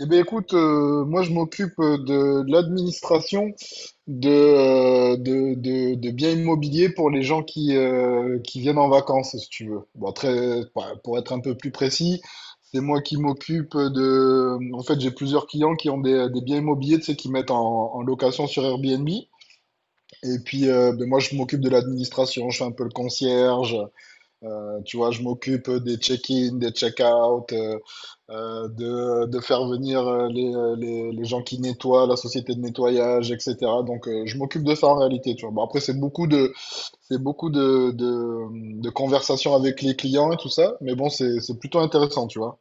Eh bien, écoute, moi je m'occupe de l'administration de biens immobiliers pour les gens qui viennent en vacances, si tu veux. Bon, bah, pour être un peu plus précis, c'est moi qui m'occupe. En fait, j'ai plusieurs clients qui ont des biens immobiliers, tu sais, qui mettent en location sur Airbnb. Et puis, ben, moi je m'occupe de l'administration, je fais un peu le concierge, tu vois, je m'occupe des check-in, des check-out, de faire venir les gens qui nettoient, la société de nettoyage, etc. Donc, je m'occupe de ça en réalité, tu vois. Bon, après, c'est beaucoup de conversations avec les clients et tout ça, mais bon, c'est plutôt intéressant, tu vois.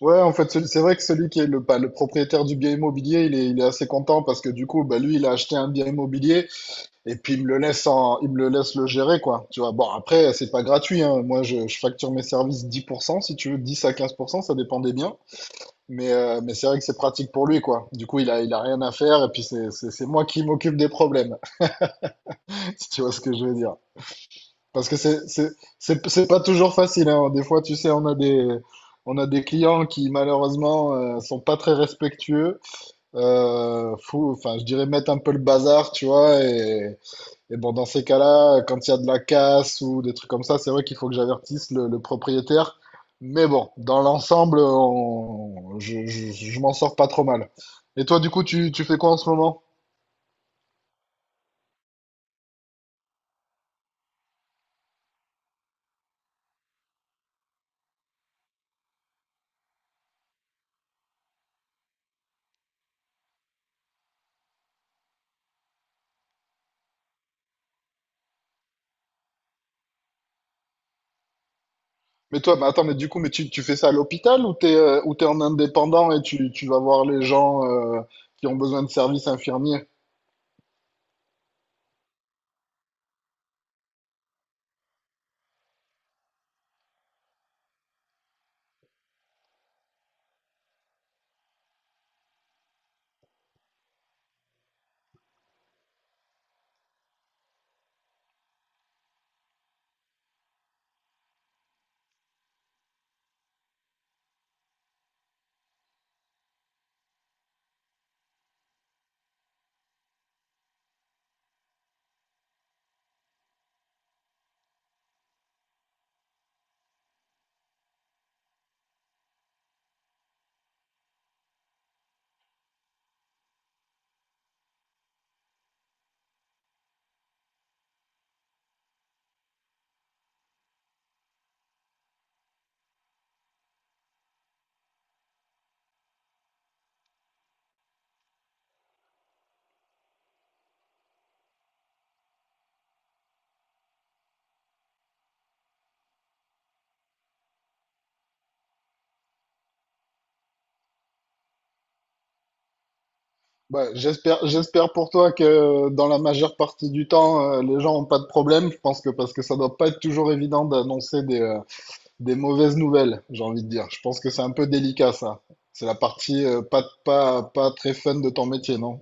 Ouais, en fait, c'est vrai que celui qui est le, pas, le propriétaire du bien immobilier, il est assez content parce que du coup, bah, lui, il a acheté un bien immobilier. Et puis il me le laisse en, il me le laisse le gérer quoi. Tu vois. Bon après c'est pas gratuit, hein. Moi je facture mes services 10%, si tu veux, 10 à 15%. Ça dépend des biens. Mais c'est vrai que c'est pratique pour lui quoi. Du coup il a rien à faire et puis c'est moi qui m'occupe des problèmes si tu vois ce que je veux dire. Parce que c'est pas toujours facile, hein. Des fois tu sais on a des clients qui malheureusement sont pas très respectueux. Enfin je dirais mettre un peu le bazar tu vois. Et bon, dans ces cas-là, quand il y a de la casse ou des trucs comme ça, c'est vrai qu'il faut que j'avertisse le propriétaire. Mais bon, dans l'ensemble, je m'en sors pas trop mal. Et toi, du coup, tu fais quoi en ce moment? Mais toi, bah attends, mais du coup, mais tu fais ça à l'hôpital ou t'es en indépendant et tu vas voir les gens qui ont besoin de services infirmiers? Bah, j'espère pour toi que dans la majeure partie du temps, les gens ont pas de problème. Je pense que parce que ça doit pas être toujours évident d'annoncer des mauvaises nouvelles, j'ai envie de dire. Je pense que c'est un peu délicat, ça. C'est la partie pas très fun de ton métier, non?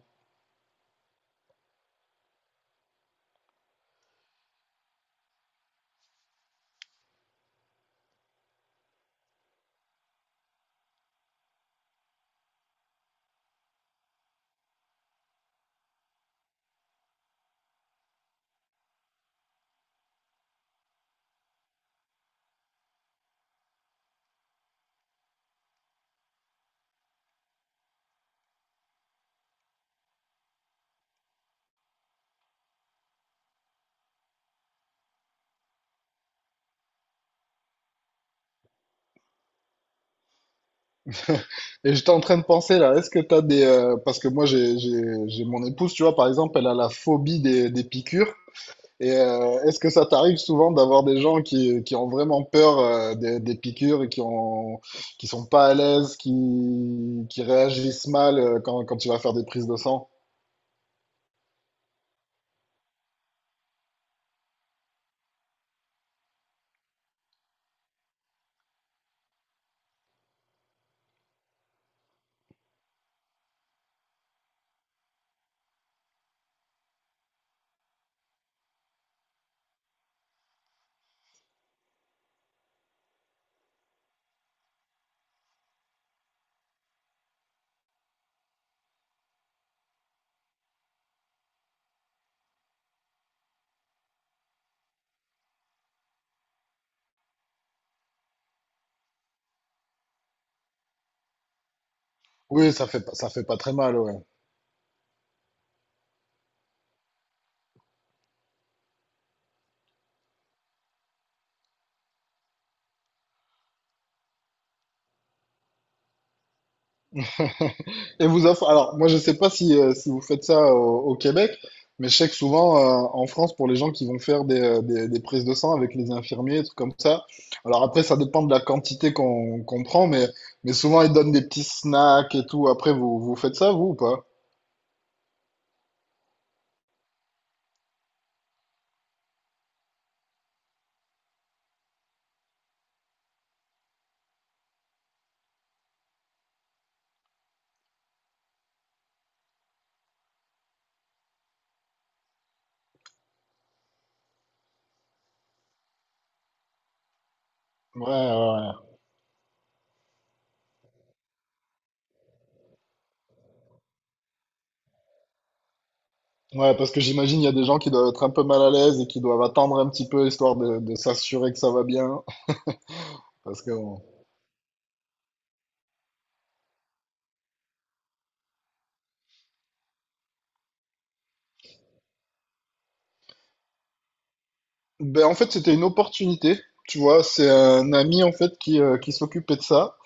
Et j'étais en train de penser, là, est-ce que t'as des... parce que moi, j'ai mon épouse, tu vois, par exemple, elle a la phobie des piqûres. Et est-ce que ça t'arrive souvent d'avoir des gens qui ont vraiment peur des piqûres et qui sont pas à l'aise, qui réagissent mal quand tu vas faire des prises de sang? Oui, ça fait pas très mal, ouais. Et vous offre, alors moi je sais pas si vous faites ça au Québec, mais je sais que souvent en France, pour les gens qui vont faire des prises de sang avec les infirmiers, des trucs comme ça, alors après ça dépend de la quantité qu'on prend, mais souvent ils donnent des petits snacks et tout. Après, vous, vous faites ça, vous ou pas? Ouais, ouais, ouais. Ouais, parce que j'imagine il y a des gens qui doivent être un peu mal à l'aise et qui doivent attendre un petit peu histoire de s'assurer que ça va bien. Parce que bon. Ben, en fait, c'était une opportunité. Tu vois, c'est un ami en fait qui s'occupait de ça.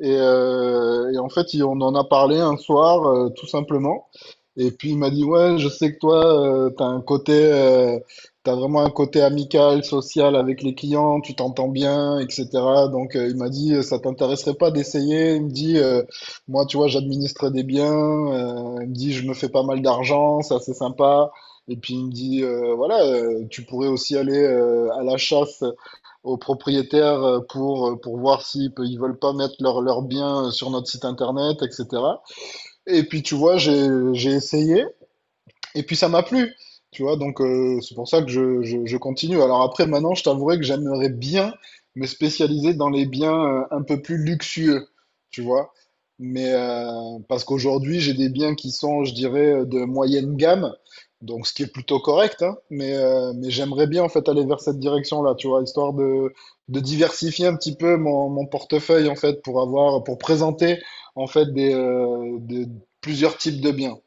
Et en fait, on en a parlé un soir, tout simplement. Et puis il m'a dit, ouais, je sais que toi, tu t'as un côté, t'as vraiment un côté amical, social avec les clients, tu t'entends bien, etc. Donc il m'a dit, ça t'intéresserait pas d'essayer? Il me dit, moi, tu vois, j'administre des biens. Il me dit, je me fais pas mal d'argent, ça c'est sympa. Et puis il me dit, voilà, tu pourrais aussi aller à la chasse aux propriétaires pour voir s'ils pe- ils veulent pas mettre leurs biens sur notre site internet, etc. Et puis tu vois, j'ai essayé. Et puis ça m'a plu, tu vois, donc c'est pour ça que je continue. Alors après, maintenant, je t'avouerai que j'aimerais bien me spécialiser dans les biens un peu plus luxueux, tu vois. Mais parce qu'aujourd'hui, j'ai des biens qui sont, je dirais, de moyenne gamme, donc ce qui est plutôt correct, hein, mais j'aimerais bien en fait aller vers cette direction-là, tu vois, histoire de, diversifier un petit peu mon portefeuille en fait pour avoir, pour présenter en fait plusieurs types de biens.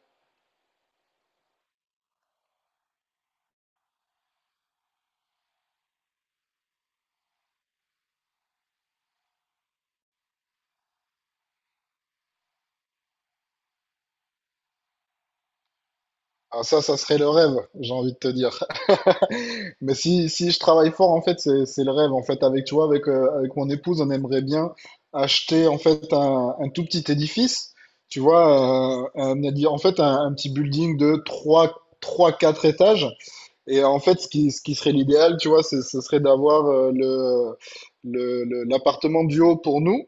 Ah, ça serait le rêve, j'ai envie de te dire. Mais si, si je travaille fort, en fait, c'est le rêve. En fait, avec, tu vois, avec mon épouse, on aimerait bien acheter, en fait, un tout petit édifice. Tu vois, en fait, un petit building de 4 étages. Et en fait, ce qui serait l'idéal, tu vois, ce serait d'avoir l'appartement du haut pour nous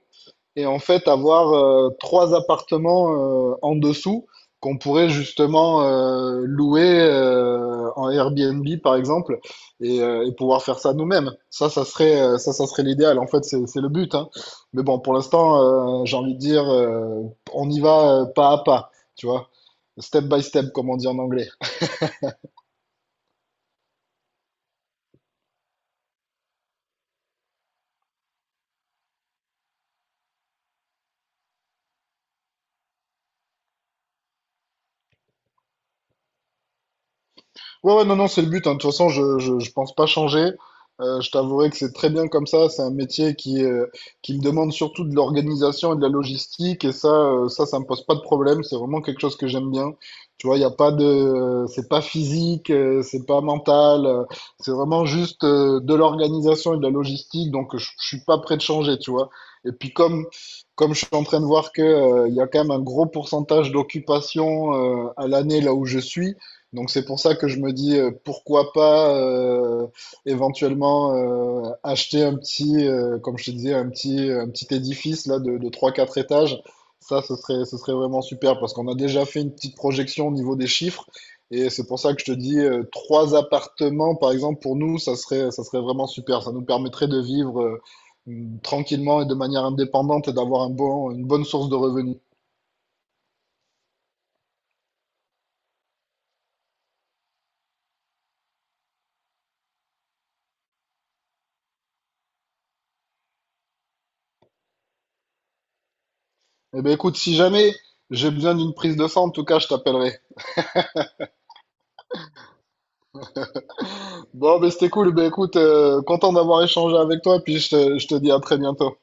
et en fait avoir trois appartements en dessous qu'on pourrait justement louer en Airbnb par exemple et pouvoir faire ça nous-mêmes. Ça, ça serait l'idéal. En fait, c'est le but, hein. Mais bon, pour l'instant, j'ai envie de dire, on y va pas à pas, tu vois, step by step, comme on dit en anglais. Ouais, ouais, non, non, c'est le but, hein. De toute façon, je pense pas changer. Je t'avouerai que c'est très bien comme ça. C'est un métier qui me demande surtout de l'organisation et de la logistique. Et ça, ça me pose pas de problème. C'est vraiment quelque chose que j'aime bien. Tu vois, il y a pas de, c'est pas physique, c'est pas mental. C'est vraiment juste de l'organisation et de la logistique. Donc, je suis pas prêt de changer, tu vois. Et puis, comme je suis en train de voir que, il y a quand même un gros pourcentage d'occupation, à l'année là où je suis. Donc c'est pour ça que je me dis pourquoi pas éventuellement acheter comme je te disais, un petit édifice là de 3-4 étages. Ça, ce serait vraiment super parce qu'on a déjà fait une petite projection au niveau des chiffres. Et c'est pour ça que je te dis trois appartements, par exemple, pour nous, ça serait vraiment super. Ça nous permettrait de vivre tranquillement et de manière indépendante et d'avoir un bon, une bonne source de revenus. Eh bien écoute, si jamais j'ai besoin d'une prise de sang, en tout cas, je t'appellerai. Bon, mais c'était cool. Ben, écoute, content d'avoir échangé avec toi, puis je te dis à très bientôt.